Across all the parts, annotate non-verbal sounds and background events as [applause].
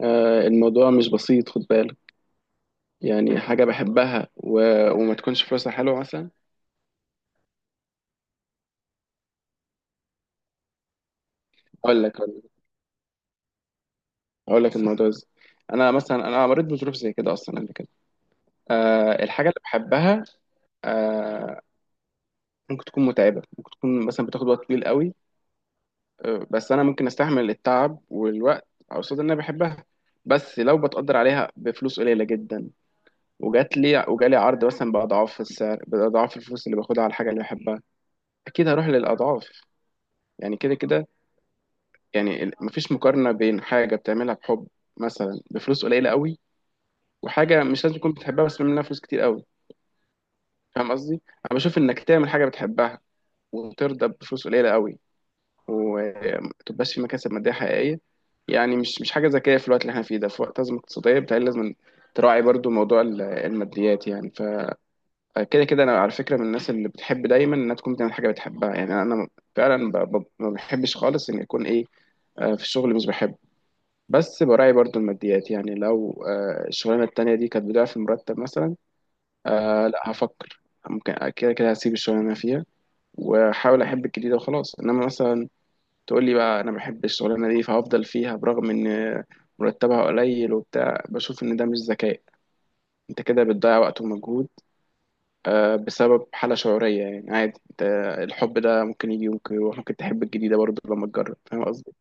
الموضوع مش بسيط، خد بالك. يعني حاجة بحبها وما تكونش فلوسها حلوة مثلا. أقول لك أقول لك أقول لك الموضوع إزاي. أنا مثلا مريت بظروف زي كده أصلا قبل كده. الحاجة اللي بحبها، أه ممكن تكون متعبة، ممكن تكون مثلا بتاخد وقت طويل قوي. بس أنا ممكن أستحمل التعب والوقت قصاد إن أنا بحبها. بس لو بتقدر عليها بفلوس قليلة جدا، وجات لي وجالي عرض مثلا بأضعاف السعر، بأضعاف الفلوس اللي باخدها على الحاجة اللي بحبها، أكيد هروح للأضعاف. يعني كده كده. يعني مفيش مقارنة بين حاجة بتعملها بحب مثلا بفلوس قليلة قوي، وحاجة مش لازم تكون بتحبها بس بتعمل منها فلوس كتير قوي. فاهم قصدي؟ أنا بشوف إنك تعمل حاجة بتحبها وترضى بفلوس قليلة قوي، ومتبقاش في مكاسب مادية حقيقية. يعني مش حاجة ذكية في الوقت اللي احنا فيه ده، في وقت أزمة اقتصادية بتهيألي لازم تراعي برضو موضوع الماديات. يعني فكده كده أنا على فكرة من الناس اللي بتحب دايما إنها تكون بتعمل حاجة بتحبها. يعني أنا فعلا ما بحبش خالص إن يكون إيه، في الشغل مش بحبه، بس براعي برضو الماديات. يعني لو الشغلانة التانية دي كانت بضعف المرتب مثلا، آه لا هفكر. ممكن كده كده هسيب الشغلانة اللي أنا فيها وأحاول أحب الجديدة وخلاص. إنما مثلا تقول لي بقى أنا بحب الشغلانة دي فهفضل فيها برغم إن مرتبها قليل وبتاع، بشوف إن ده مش ذكاء. أنت كده بتضيع وقت ومجهود بسبب حالة شعورية. يعني عادي أنت، الحب ده ممكن يجي ممكن يروح، ممكن تحب الجديدة برضو لما تجرب. فاهم قصدي؟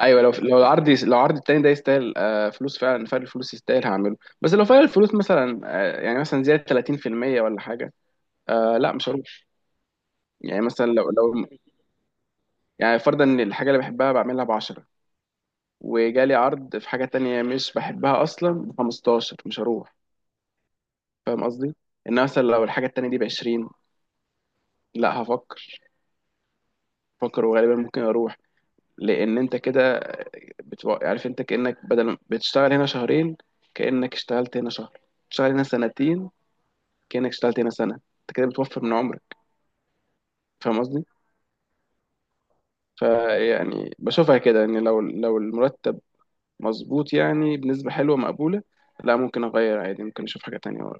ايوه، لو لو العرض التاني ده يستاهل، فلوس فعلا، الفلوس يستاهل هعمله. بس لو فعلا الفلوس مثلا يعني مثلا زياده 30% ولا حاجه، آه لا مش هروح. يعني مثلا لو يعني فرضا ان الحاجه اللي بحبها بعملها ب 10، وجالي عرض في حاجه تانية مش بحبها اصلا ب 15، مش هروح. فاهم قصدي، ان مثلا لو الحاجه التانية دي ب 20، لا هفكر، هفكر وغالبا ممكن اروح. لان انت كده عارف، انت كانك بدل بتشتغل هنا شهرين، كانك اشتغلت هنا شهر. تشتغل هنا سنتين، كأنك اشتغلت هنا سنة. انت كده بتوفر من عمرك. فاهم قصدي؟ فيعني بشوفها كده ان لو المرتب مظبوط يعني بنسبة حلوة مقبولة، لا ممكن اغير عادي، ممكن اشوف حاجة تانية ورا.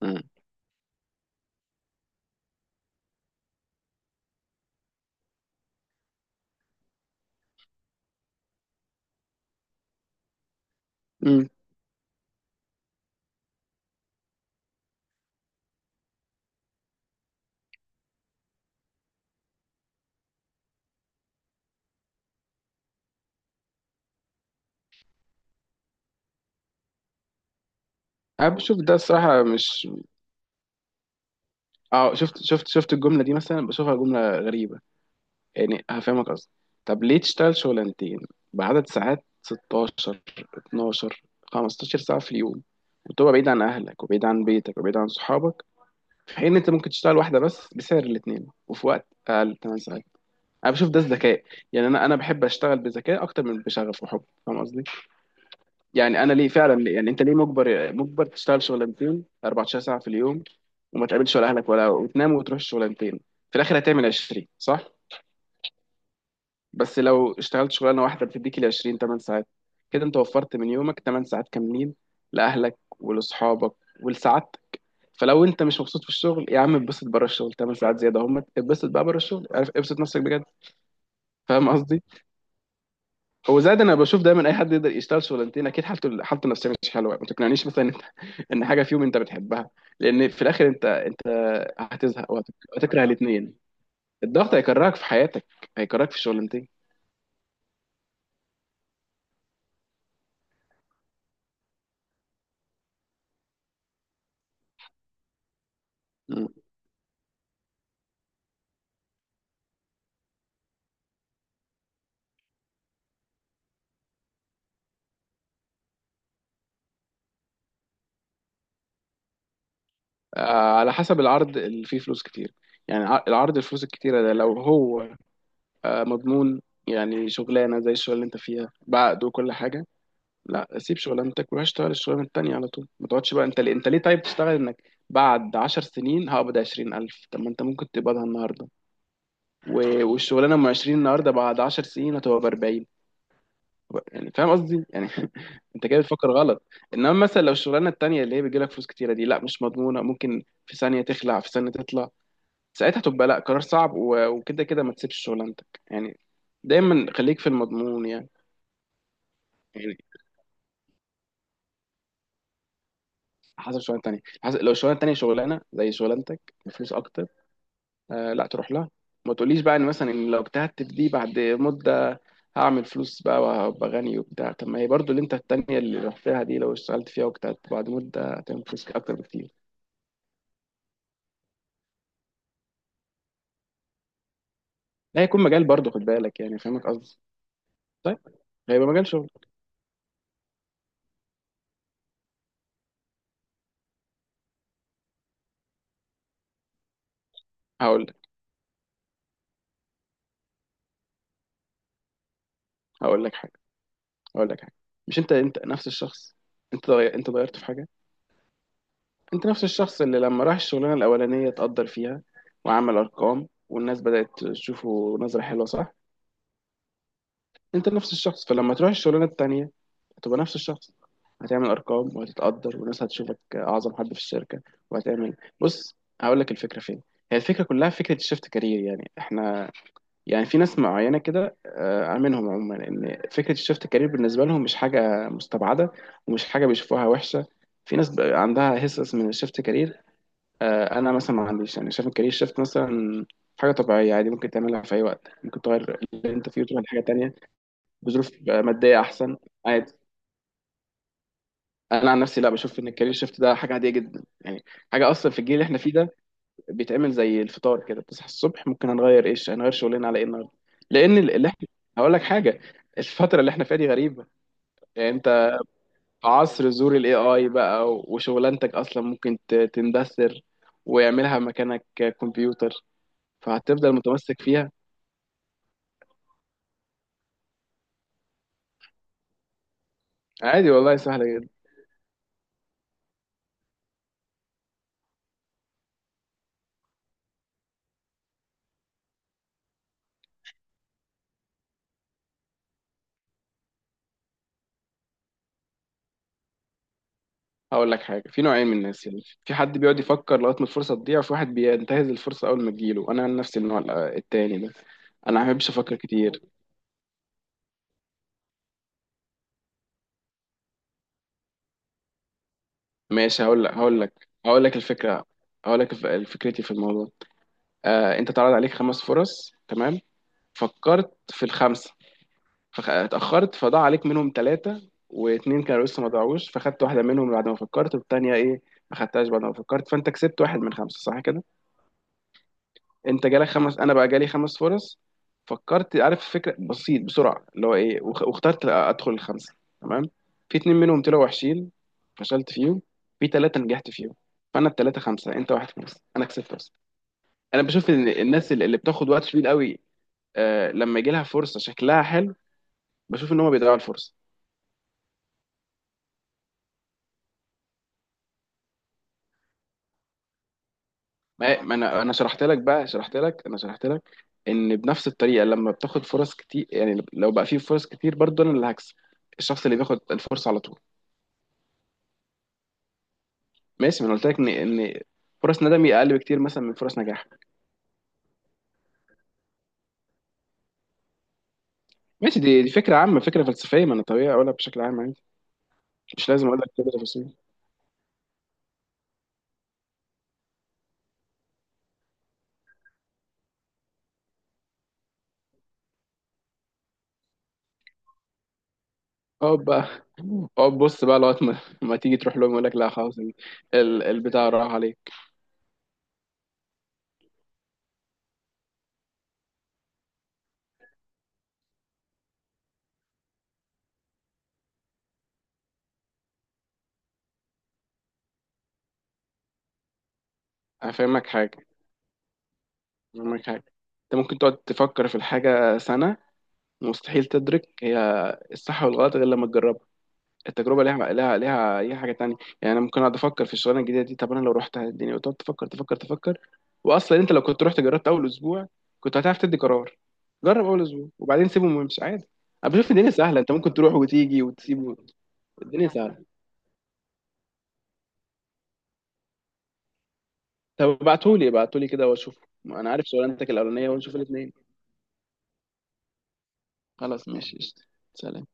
امم امم انا بشوف ده الصراحة، مش اه شفت الجملة دي مثلا، بشوفها جملة غريبة. يعني هفهمك قصدي. طب ليه تشتغل شغلانتين بعدد ساعات 16، 12، 15 ساعة في اليوم، وتبقى بعيد عن اهلك وبعيد عن بيتك وبعيد عن صحابك، في حين إن انت ممكن تشتغل واحده بس بسعر الاثنين وفي وقت اقل، 8 ساعات. انا بشوف ده الذكاء. يعني انا بحب اشتغل بذكاء اكتر من بشغف وحب. فاهم قصدي. يعني انا ليه؟ فعلا ليه؟ يعني انت ليه مجبر تشتغل شغلانتين 14 ساعه في اليوم، وما تقابلش ولا اهلك ولا، وتنام وتروح الشغلانتين، في الاخر هتعمل 20، صح؟ بس لو اشتغلت شغلانه واحده بتديك ال 20 8 ساعات، كده انت وفرت من يومك 8 ساعات كاملين، لاهلك ولاصحابك ولسعادتك. فلو انت مش مبسوط في الشغل يا عم اتبسط بره الشغل، 8 ساعات زياده اهمت، اتبسط بقى بره الشغل، عارف ابسط نفسك بجد. فاهم قصدي. هو زاد. انا بشوف دايما اي حد يقدر يشتغل شغلانتين اكيد حالته النفسيه مش حلوه. ما تقنعنيش مثلا، ان حاجه فيهم انت بتحبها، لان في الاخر انت هتزهق وهتكره الاثنين. الضغط هيكرهك في حياتك، هيكرهك في الشغلانتين. مم. على حسب العرض اللي فيه فلوس كتير. يعني العرض الفلوس الكتيره ده لو هو مضمون، يعني شغلانه زي الشغل اللي انت فيها بعقد وكل حاجه، لا سيب شغلانتك وروح اشتغل الشغلانه التانيه على طول. ما تقعدش بقى، انت ليه طيب تشتغل انك بعد 10 سنين هقبض 20,000؟ طب ما انت ممكن تقبضها النهارده. والشغلانه ام عشرين النهارده بعد 10 سنين هتبقى بـ40. يعني فاهم قصدي يعني. [laughs] انت كده بتفكر غلط. انما مثلا لو الشغلانه التانيه اللي هي بيجيلك فلوس كتيره دي، لا مش مضمونه، ممكن في ثانيه تخلع في ثانيه تطلع، ساعتها تبقى لا، قرار صعب وكده كده ما تسيبش شغلانتك يعني. دايما خليك في المضمون. يعني حسب شغلانه تانية، حسب لو الشغلانه التانية شغلانه زي شغلانتك بفلوس اكتر، آه لا تروح لها. ما تقوليش بقى ان مثلا إن لو اجتهدت في دي بعد مده هعمل فلوس بقى وهبقى غني وبتاع، طب ما هي برضو اللي انت التانية اللي رحتها دي لو اشتغلت فيها واجتهدت بعد مده هتعمل فلوس اكتر بكتير. لا هيكون مجال برضو، خد بالك يعني. فاهمك قصدي. طيب، هيبقى مجال شغل. هقول لك هقول لك حاجه، هقول لك حاجه، مش انت نفس الشخص. انت اتغيرت في حاجه؟ انت نفس الشخص اللي لما راح الشغلانه الاولانيه اتقدر فيها، وعمل ارقام والناس بدات تشوفه نظره حلوه، صح؟ انت نفس الشخص، فلما تروح الشغلانه التانيه هتبقى نفس الشخص. هتعمل ارقام وهتتقدر والناس هتشوفك اعظم حد في الشركه، وهتعمل. بص هقول لك الفكره فين. هي الفكره كلها فكره الشفت كارير. يعني احنا، يعني في ناس معينه كده منهم عموما ان فكره الشفت كارير بالنسبه لهم مش حاجه مستبعده، ومش حاجه بيشوفوها وحشه. في ناس بقى عندها هسس من الشفت كارير. انا مثلا ما عنديش، يعني شايف الكارير شيفت مثلا حاجه طبيعيه عادي، ممكن تعملها في اي وقت، ممكن تغير اللي انت فيه وتروح لحاجه تانية بظروف ماديه احسن، عادي. انا عن نفسي لا، بشوف ان الكارير شيفت ده حاجه عاديه جدا يعني. حاجه اصلا في الجيل اللي احنا فيه ده بيتعمل زي الفطار كده، بتصحى الصبح ممكن هنغير ايش، هنغير شغلنا على ايه النهارده. لان اللي احنا، هقول لك حاجه. الفتره اللي احنا فيها دي غريبه. يعني انت في عصر ظهور الاي اي بقى، وشغلانتك اصلا ممكن تندثر، ويعملها مكانك كمبيوتر، فهتفضل متمسك فيها. عادي والله، سهلة جدا. هقول لك حاجة، في نوعين من الناس. يعني في حد بيقعد يفكر لغاية ما الفرصة تضيع، وفي واحد بينتهز الفرصة أول ما تجيله. أنا عن نفسي النوع التاني ده. أنا ما بحبش أفكر كتير. ماشي، هقول لك الفكرة. هقول لك فكرتي في الموضوع. أنت اتعرض عليك خمس فرص، تمام؟ فكرت في الخمسة، فاتأخرت، فضاع عليك منهم ثلاثة، واتنين كانوا لسه ما ضاعوش، فخدت واحدة منهم بعد ما فكرت، والتانية إيه، ما خدتهاش بعد ما فكرت، فأنت كسبت واحد من خمسة، صح كده؟ انت جالك خمس، انا بقى جالي خمس فرص، فكرت عارف فكره بسيط بسرعه اللي هو ايه، واخترت ادخل الخمسه. تمام، في اتنين منهم طلعوا وحشين فشلت فيهم، في ثلاثه نجحت فيهم، فانا الثلاثه خمسه، انت واحد خمسه، انا كسبت اصلا. انا بشوف ان الناس اللي بتاخد وقت طويل قوي لما يجي لها فرصه شكلها حلو، بشوف ان هم بيضيعوا الفرصه. ما انا شرحت لك بقى، شرحت لك، انا شرحت لك، ان بنفس الطريقه لما بتاخد فرص كتير، يعني لو بقى في فرص كتير برضه انا اللي هكسب، الشخص اللي بياخد الفرصه على طول. ماشي، ما انا قلت لك ان ان فرص ندمي اقل بكتير مثلا من فرص نجاح. ماشي، دي فكره عامه، فكره فلسفيه، ما انا طبيعي اقولها بشكل عام عادي. مش لازم اقول لك كل التفاصيل. اقعد بقى، اقعد بص بقى لغايه ما تيجي تروح لهم يقول لك لا خلاص. البتاع راح عليك. هفهمك حاجه هفهمك حاجه. انت ممكن تقعد تفكر في الحاجه سنه، مستحيل تدرك هي الصح والغلط غير لما تجربها. التجربه ليها اي حاجه تانية. يعني انا ممكن اقعد افكر في الشغلانه الجديده دي، طب انا لو رحت الدنيا، وتقعد تفكر، واصلا انت لو كنت رحت جربت اول اسبوع كنت هتعرف تدي قرار. جرب اول اسبوع وبعدين سيبهم وامشي عادي. انا بشوف الدنيا سهله، انت ممكن تروح وتيجي وتسيبه. الدنيا سهله. طب ابعتهولي كده واشوف. انا عارف شغلانتك الاولانيه ونشوف الاثنين. خلاص ماشي قشطة. سلام.